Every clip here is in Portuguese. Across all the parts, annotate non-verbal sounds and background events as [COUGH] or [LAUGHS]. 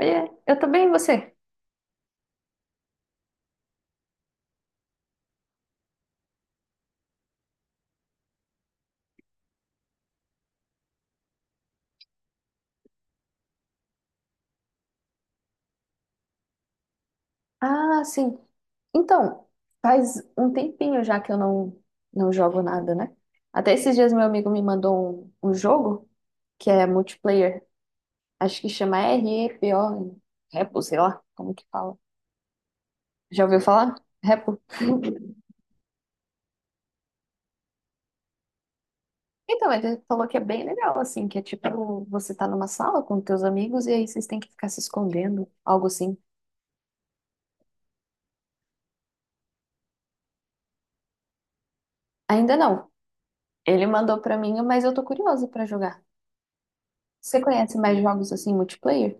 Oiê, eu tô bem, e você? Ah, sim. Então, faz um tempinho já que eu não, não jogo nada, né? Até esses dias meu amigo me mandou um jogo que é multiplayer. Acho que chama REPO, Repo, sei lá como que fala. Já ouviu falar? Repo? Então, ele falou que é bem legal, assim, que é tipo, você tá numa sala com teus amigos e aí vocês têm que ficar se escondendo, algo assim. Ainda não. Ele mandou pra mim, mas eu tô curiosa pra jogar. Você conhece mais jogos assim, multiplayer?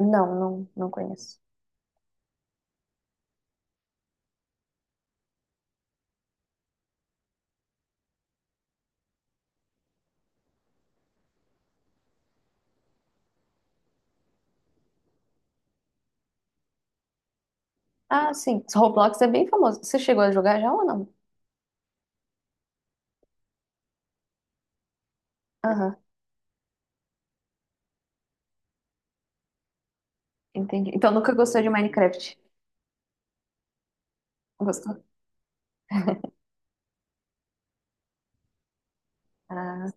Não, não conheço. Ah, sim. Roblox é bem famoso. Você chegou a jogar já ou não? Aham, entendi. Então nunca gostou de Minecraft? Gostou? Ah,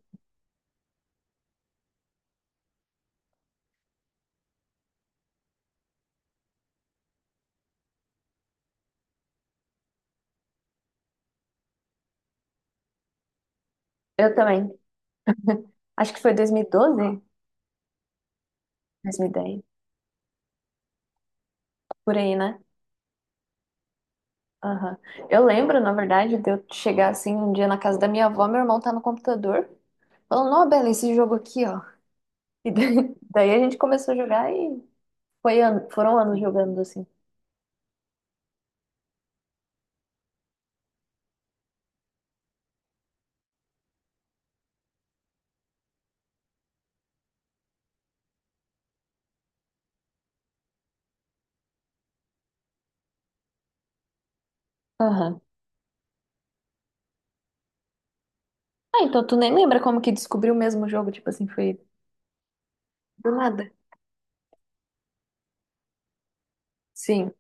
eu também. Acho que foi 2012, dez, por aí, né? Aham. Eu lembro, na verdade, de eu chegar assim um dia na casa da minha avó, meu irmão tá no computador, falando, ó, Bela, esse jogo aqui, ó. E daí, [LAUGHS] daí a gente começou a jogar e foi ano, foram anos jogando assim. Aham. Ah, então tu nem lembra como que descobriu o mesmo jogo, tipo assim, foi do nada. Sim.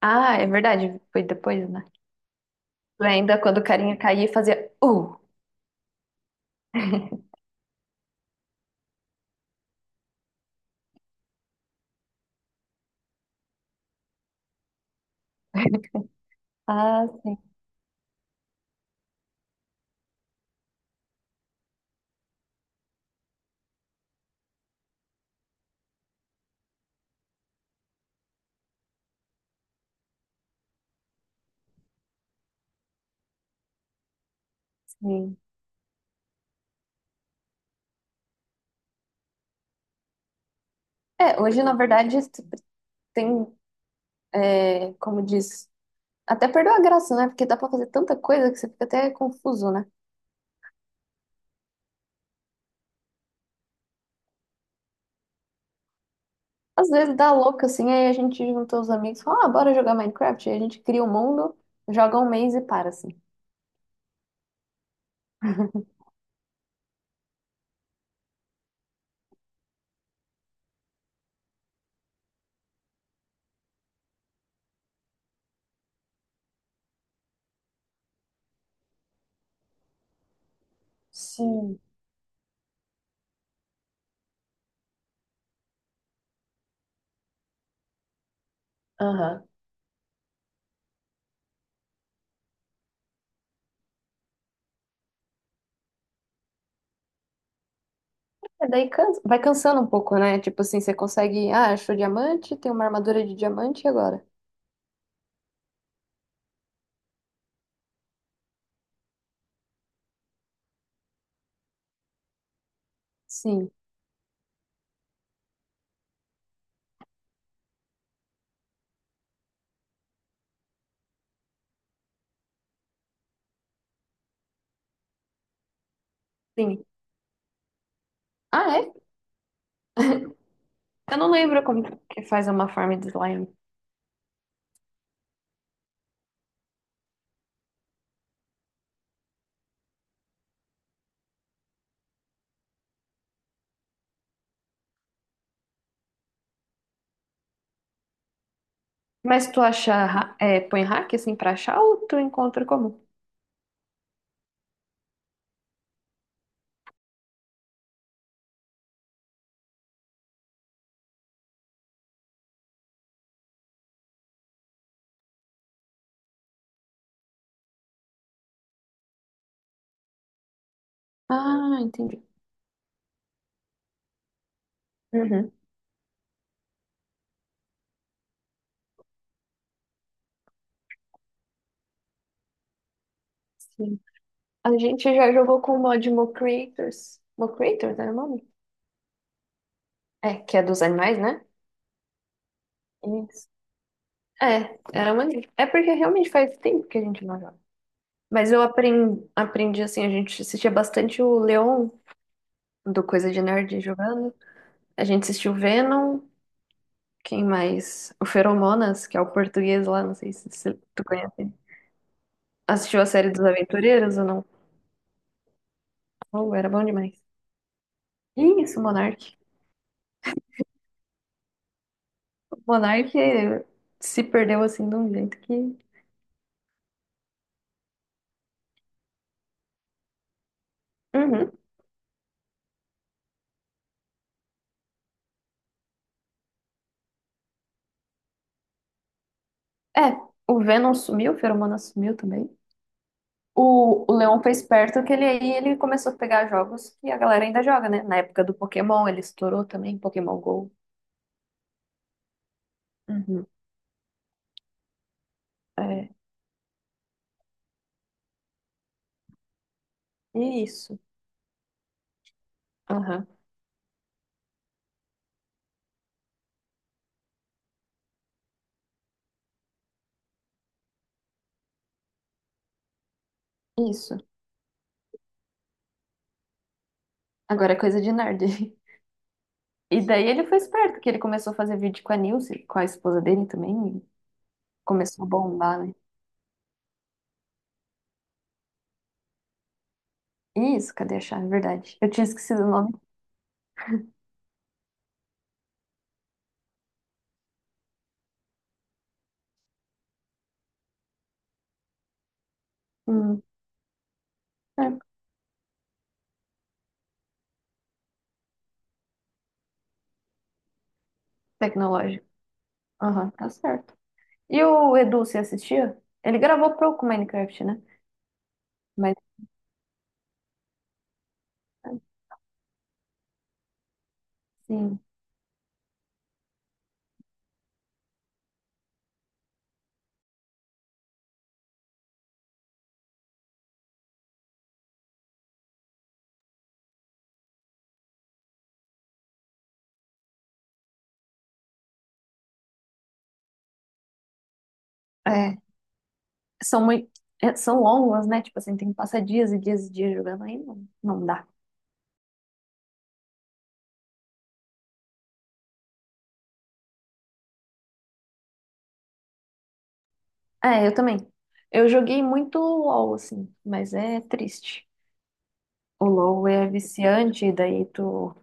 Ah, é verdade. Foi depois, né? Ainda quando o carinha caía, fazia. Ah, sim, sim. É, hoje, na verdade, tu tem, é, como diz, até perdeu a graça, né? Porque dá pra fazer tanta coisa que você fica até confuso, né? Às vezes dá louca, assim, aí a gente junta os amigos e fala, ah, bora jogar Minecraft. Aí a gente cria o mundo, joga um mês e para, assim. Sim. Aham. É, vai cansando um pouco, né? Tipo assim, você consegue, ah, achou diamante, tem uma armadura de diamante e agora? Sim, sim. Ah, é? Eu não lembro como que faz uma farm de slime. Mas é, põe hack assim pra achar ou tu encontra como? Ah, entendi. Uhum, sim. A gente já jogou com o mod Mo Creators. Mo Creators era o nome? É, que é dos animais, né? Isso. É, era maneiro. É porque realmente faz tempo que a gente não joga. Mas eu aprendi assim, a gente assistia bastante o Leon do Coisa de Nerd jogando. A gente assistiu o Venom. Quem mais? O Feromonas, que é o português lá, não sei se tu conhece. Assistiu a série dos Aventureiros ou não? Oh, era bom demais. Ih, isso, Monark. O Monark se perdeu assim de um jeito que. Uhum. É, o Venom sumiu, o Feromonas sumiu também. O Leon foi esperto que ele aí ele começou a pegar jogos que a galera ainda joga, né? Na época do Pokémon, ele estourou também, Pokémon Go. Uhum. É, isso. Aham, isso. Agora é coisa de nerd. [LAUGHS] E daí ele foi esperto, porque ele começou a fazer vídeo com a Nilce, com a esposa dele também, e começou a bombar, né? Isso, cadê a chave? Verdade. Eu tinha esquecido o nome. Hum, é, tecnológico. Aham, tá certo. E o Edu, você assistia? Ele gravou pouco Minecraft, né? Mas, assim, é, são muito, é, são longas, né? Tipo assim, tem que passar dias e dias e dias jogando, aí não, não dá. É, eu também. Eu joguei muito LOL, assim, mas é triste. O LoL é viciante, daí tu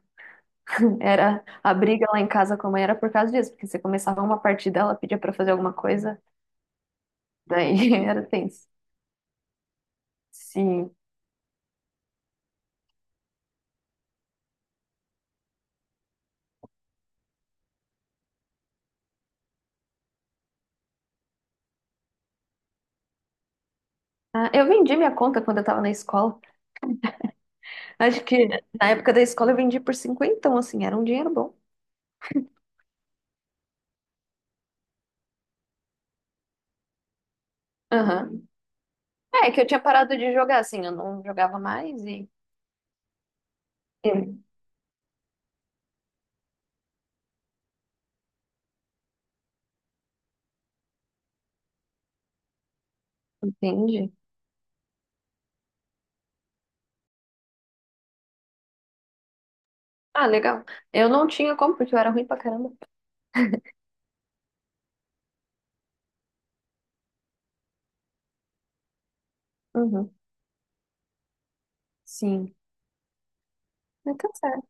[LAUGHS] era a briga lá em casa com a mãe era por causa disso, porque você começava uma partida, ela pedia pra fazer alguma coisa, daí [LAUGHS] era tenso. Sim. Ah, eu vendi minha conta quando eu tava na escola. Acho que na época da escola eu vendi por 50, assim, era um dinheiro bom. Aham. É, que eu tinha parado de jogar, assim, eu não jogava mais e. Sim. Entendi. Ah, legal. Eu não tinha como, porque eu era ruim pra caramba. Uhum. Sim. Então, tá certo.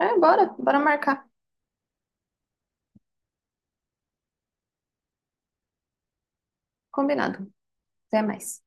É, bora marcar. Combinado. Até mais.